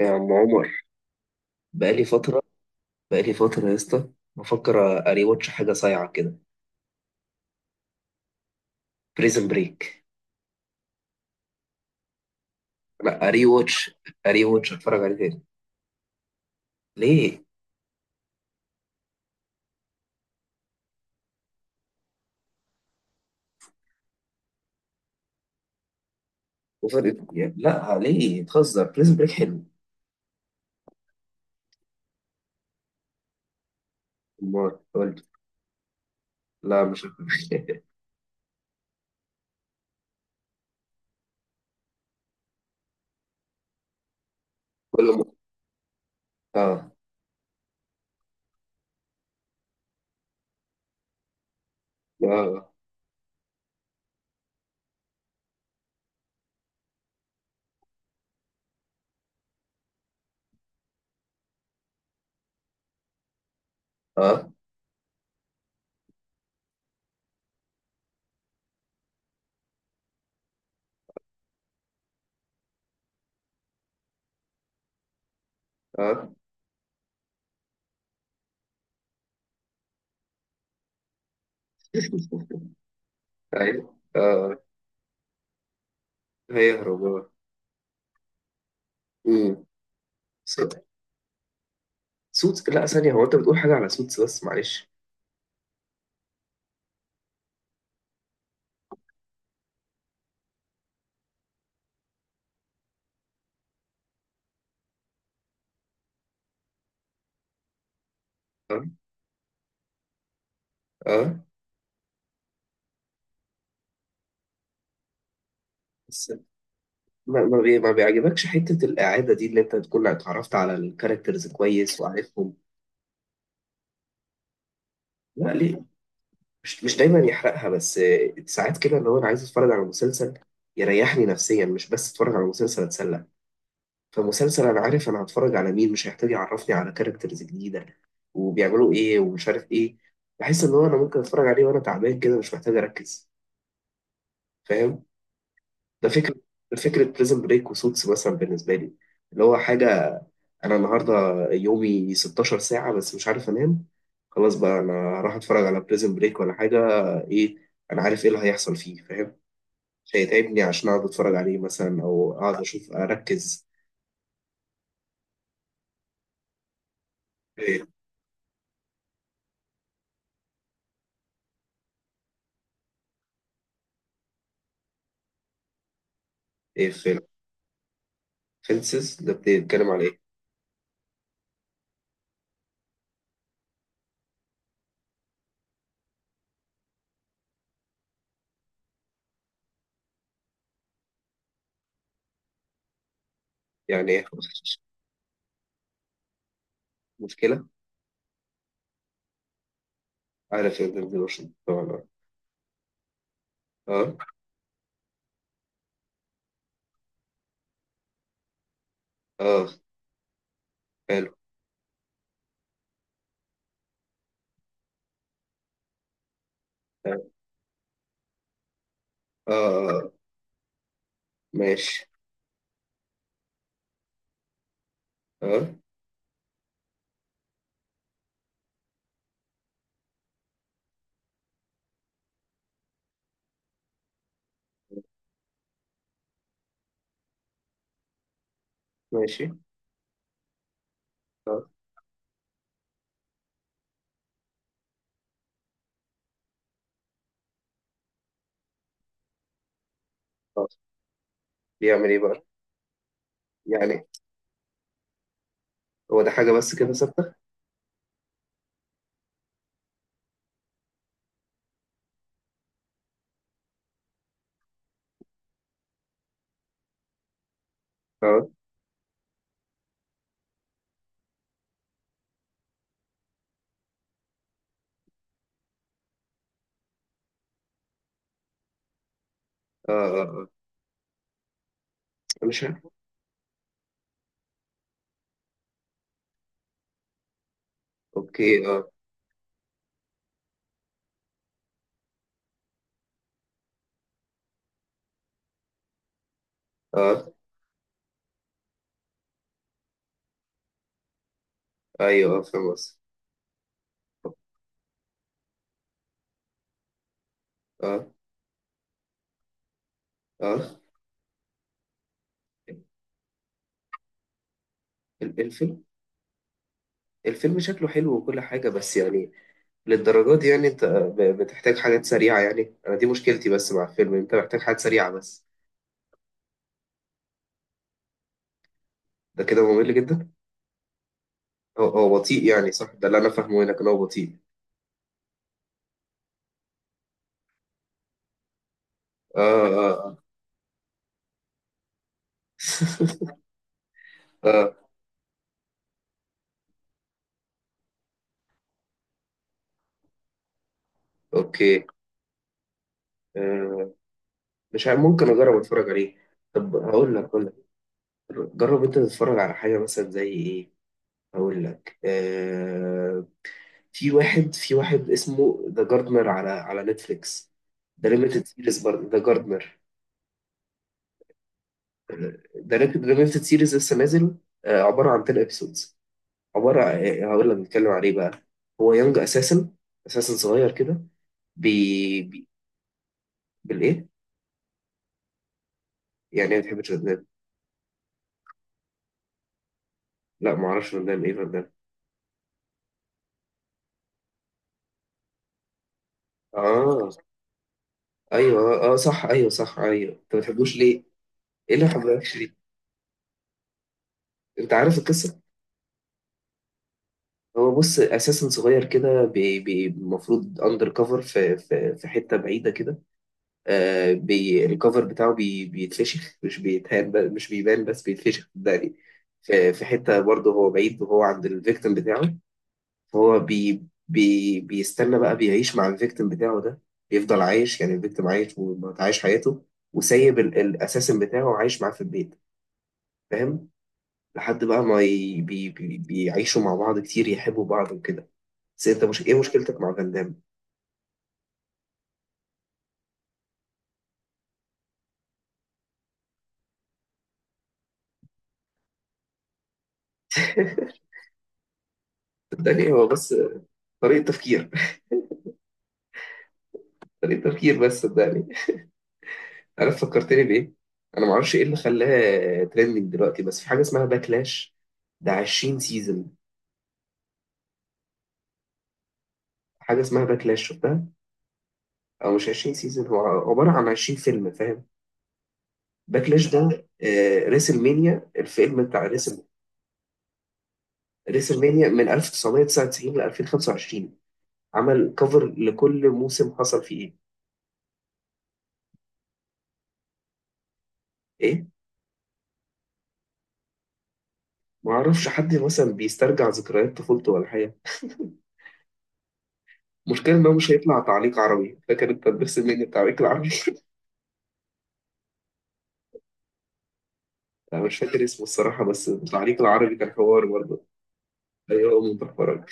يا عم عمر، بقالي فترة. بقالي فترة يا اسطى، بفكر اري واتش حاجة صايعة كده. بريزن بريك. لا اري واتش، اري واتش اتفرج عليه تاني. ليه؟ وفرق يعني؟ لا ليه؟ تهزر، بريزن بريك حلو. امال قول لي. لا مش هتفرج. كل م... اه. اه اه اه ايوه اه. هيهرب اه. أمم. صوت- سوتس؟ لا ثانية، هو انت بتقول حاجة على سوتس؟ بس معلش. اه اه. بس ما بيعجبكش حتة الإعادة دي، اللي أنت تكون اتعرفت على الكاركترز كويس وعارفهم؟ لا ليه، مش دايما يحرقها، بس ساعات كده اللي هو أنا عايز أتفرج على مسلسل يريحني نفسيا، مش بس أتفرج على مسلسل أتسلى. فمسلسل أنا عارف أنا هتفرج على مين مش هيحتاج يعرفني على كاركترز جديدة وبيعملوا إيه ومش عارف إيه. بحس إن هو أنا ممكن أتفرج عليه وأنا تعبان كده، مش محتاج أركز. فاهم؟ ده فكرة، فكرة بريزن بريك وسوتس مثلا بالنسبة لي، اللي هو حاجة أنا النهاردة يومي 16 ساعة بس مش عارف أنام. خلاص بقى أنا هروح أتفرج على بريزن بريك ولا حاجة. إيه، أنا عارف إيه اللي هيحصل فيه، فاهم؟ مش هيتعبني عشان أقعد أتفرج عليه مثلا، أو أقعد أشوف أركز. في إيه؟ في فينسز ده بيتكلم على إيه؟ يعني إيه؟ مشكلة. على فيلم ديلوشن طبعا. أه. أه. حلو. أه. آه، ماشي. أه. ماشي. اه. آه. بيعمل ايه بقى؟ يعني هو ده حاجه بس كده ثابته؟ اه اه اه. مش عارف. اوكي اه. اه. ايوه اه، فاهم قصدي. اه اه. الفيلم، الفيلم شكله حلو وكل حاجه، بس يعني للدرجه دي يعني؟ انت بتحتاج حاجات سريعه يعني. انا دي مشكلتي بس مع الفيلم، انت محتاج حاجات سريعه بس. ده كده ممل جدا. هو هو بطيء يعني، صح؟ ده اللي انا فاهمه، هنا كان هو بطيء. اه اه اه. اه. اوكي. آه. مش عارف، ممكن اجرب اتفرج عليه. طب هقول لك، جرب انت تتفرج على حاجة مثلا زي ايه. هقول لك آه، في واحد، في واحد اسمه ذا جاردنر على على نتفليكس. ده ليميتد سيريز برضه، ذا جاردنر. ده ليميتد سيريز لسه نازل، آه، عبارة عن 10 ابيسودز. عبارة، هقول لك بنتكلم عليه بقى. هو يونج اساسن، اساسن صغير كده. بي, بي بالايه؟ يعني ايه ما بتحبش فاندام؟ لا ما اعرفش فاندام، ايه فاندام؟ اه. ايوه اه، صح ايوه، صح ايوه، انت ما بتحبوش ليه؟ ايه اللي ما بحبكش ليه؟ انت عارف القصة؟ هو بص، اساسا صغير كده، المفروض اندر كفر في في حته بعيده كده. آه، بي الكفر بتاعه بيتفشخ، مش بيتهان، مش بيبان بس بيتفشخ، صدقني. في في حته برضه هو بعيد، وهو عند الفيكتيم بتاعه. فهو بي بي بيستنى بقى، بيعيش مع الفيكتيم بتاعه ده، بيفضل عايش يعني. الفيكتيم عايش وعايش حياته، وسايب الاساسن بتاعه عايش معاه في البيت. فاهم؟ لحد بقى ما ي- بي بي بيعيشوا مع بعض كتير، يحبوا بعض وكده. بس انت مش، ايه مشكلتك مع فان دام؟ صدقني هو بس طريقة تفكير، طريقة تفكير بس، صدقني. عارف فكرتني بإيه؟ أنا معرفش إيه اللي خلاها ترندنج دلوقتي، بس في حاجة اسمها باكلاش، ده 20 سيزون. حاجة اسمها باكلاش، شفتها؟ أو مش 20 سيزون، هو عبارة عن 20 فيلم فاهم؟ باكلاش ده آه، ريسل مانيا، الفيلم بتاع ريسل. ريسل مانيا من 1999 ل 2025، عمل كفر لكل موسم حصل فيه إيه؟ إيه؟ ما اعرفش، حد مثلا بيسترجع ذكريات طفولته ولا حاجه. المشكله ان هو مش هيطلع تعليق عربي. فاكر انت الدرس الميني، التعليق العربي؟ انا مش فاكر اسمه الصراحه، بس التعليق العربي كان حوار برضه. ايوه من تحفرج.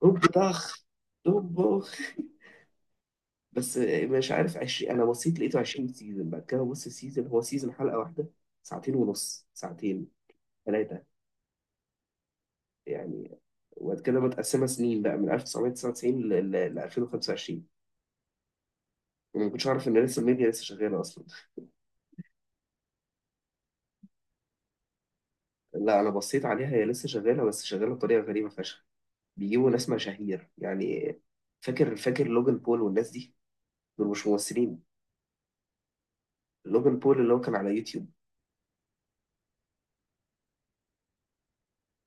طب طخ، طب بخ. بس مش عارف، 20، انا بصيت لقيته 20 سيزون. بعد كده بص، السيزون هو سيزون حلقه واحده، ساعتين ونص، ساعتين، ثلاثه يعني. وبعد كده متقسمه سنين بقى من 1999 ل 2025. وما كنتش اعرف ان لسه الميديا لسه شغاله اصلا. لا انا بصيت عليها، هي لسه شغاله، بس شغاله بطريقه غريبه فشخ. بيجيبوا ناس مشاهير يعني. فاكر لوجان بول والناس دي، دول مش ممثلين. لوجان بول اللي هو كان على يوتيوب.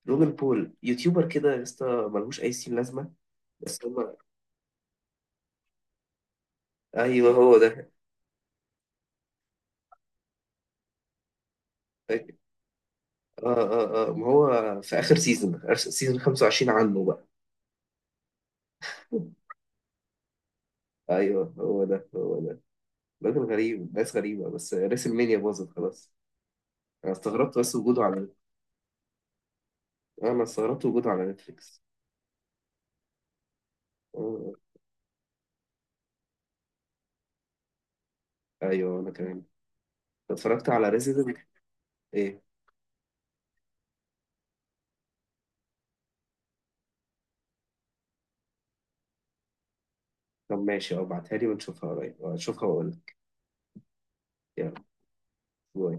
لوجان بول يوتيوبر كده يا اسطى، ملهوش اي سين لازمه. بس هو، ايوه هو ده. اه اه اه، ما هو في اخر سيزون، اخر سيزون 25 عنه بقى. ايوه هو ده، هو ده، راجل غريب، ناس غريبه. بس ريسل مانيا باظت خلاص. انا استغربت بس وجوده على، انا استغربت وجوده على نتفليكس. آه، آه. ايوه انا كمان، اتفرجت على ريزيدنت. ايه؟ طب ماشي اه، ابعتها لي ونشوفها قريب، اشوفها واقول لك. يلا، باي.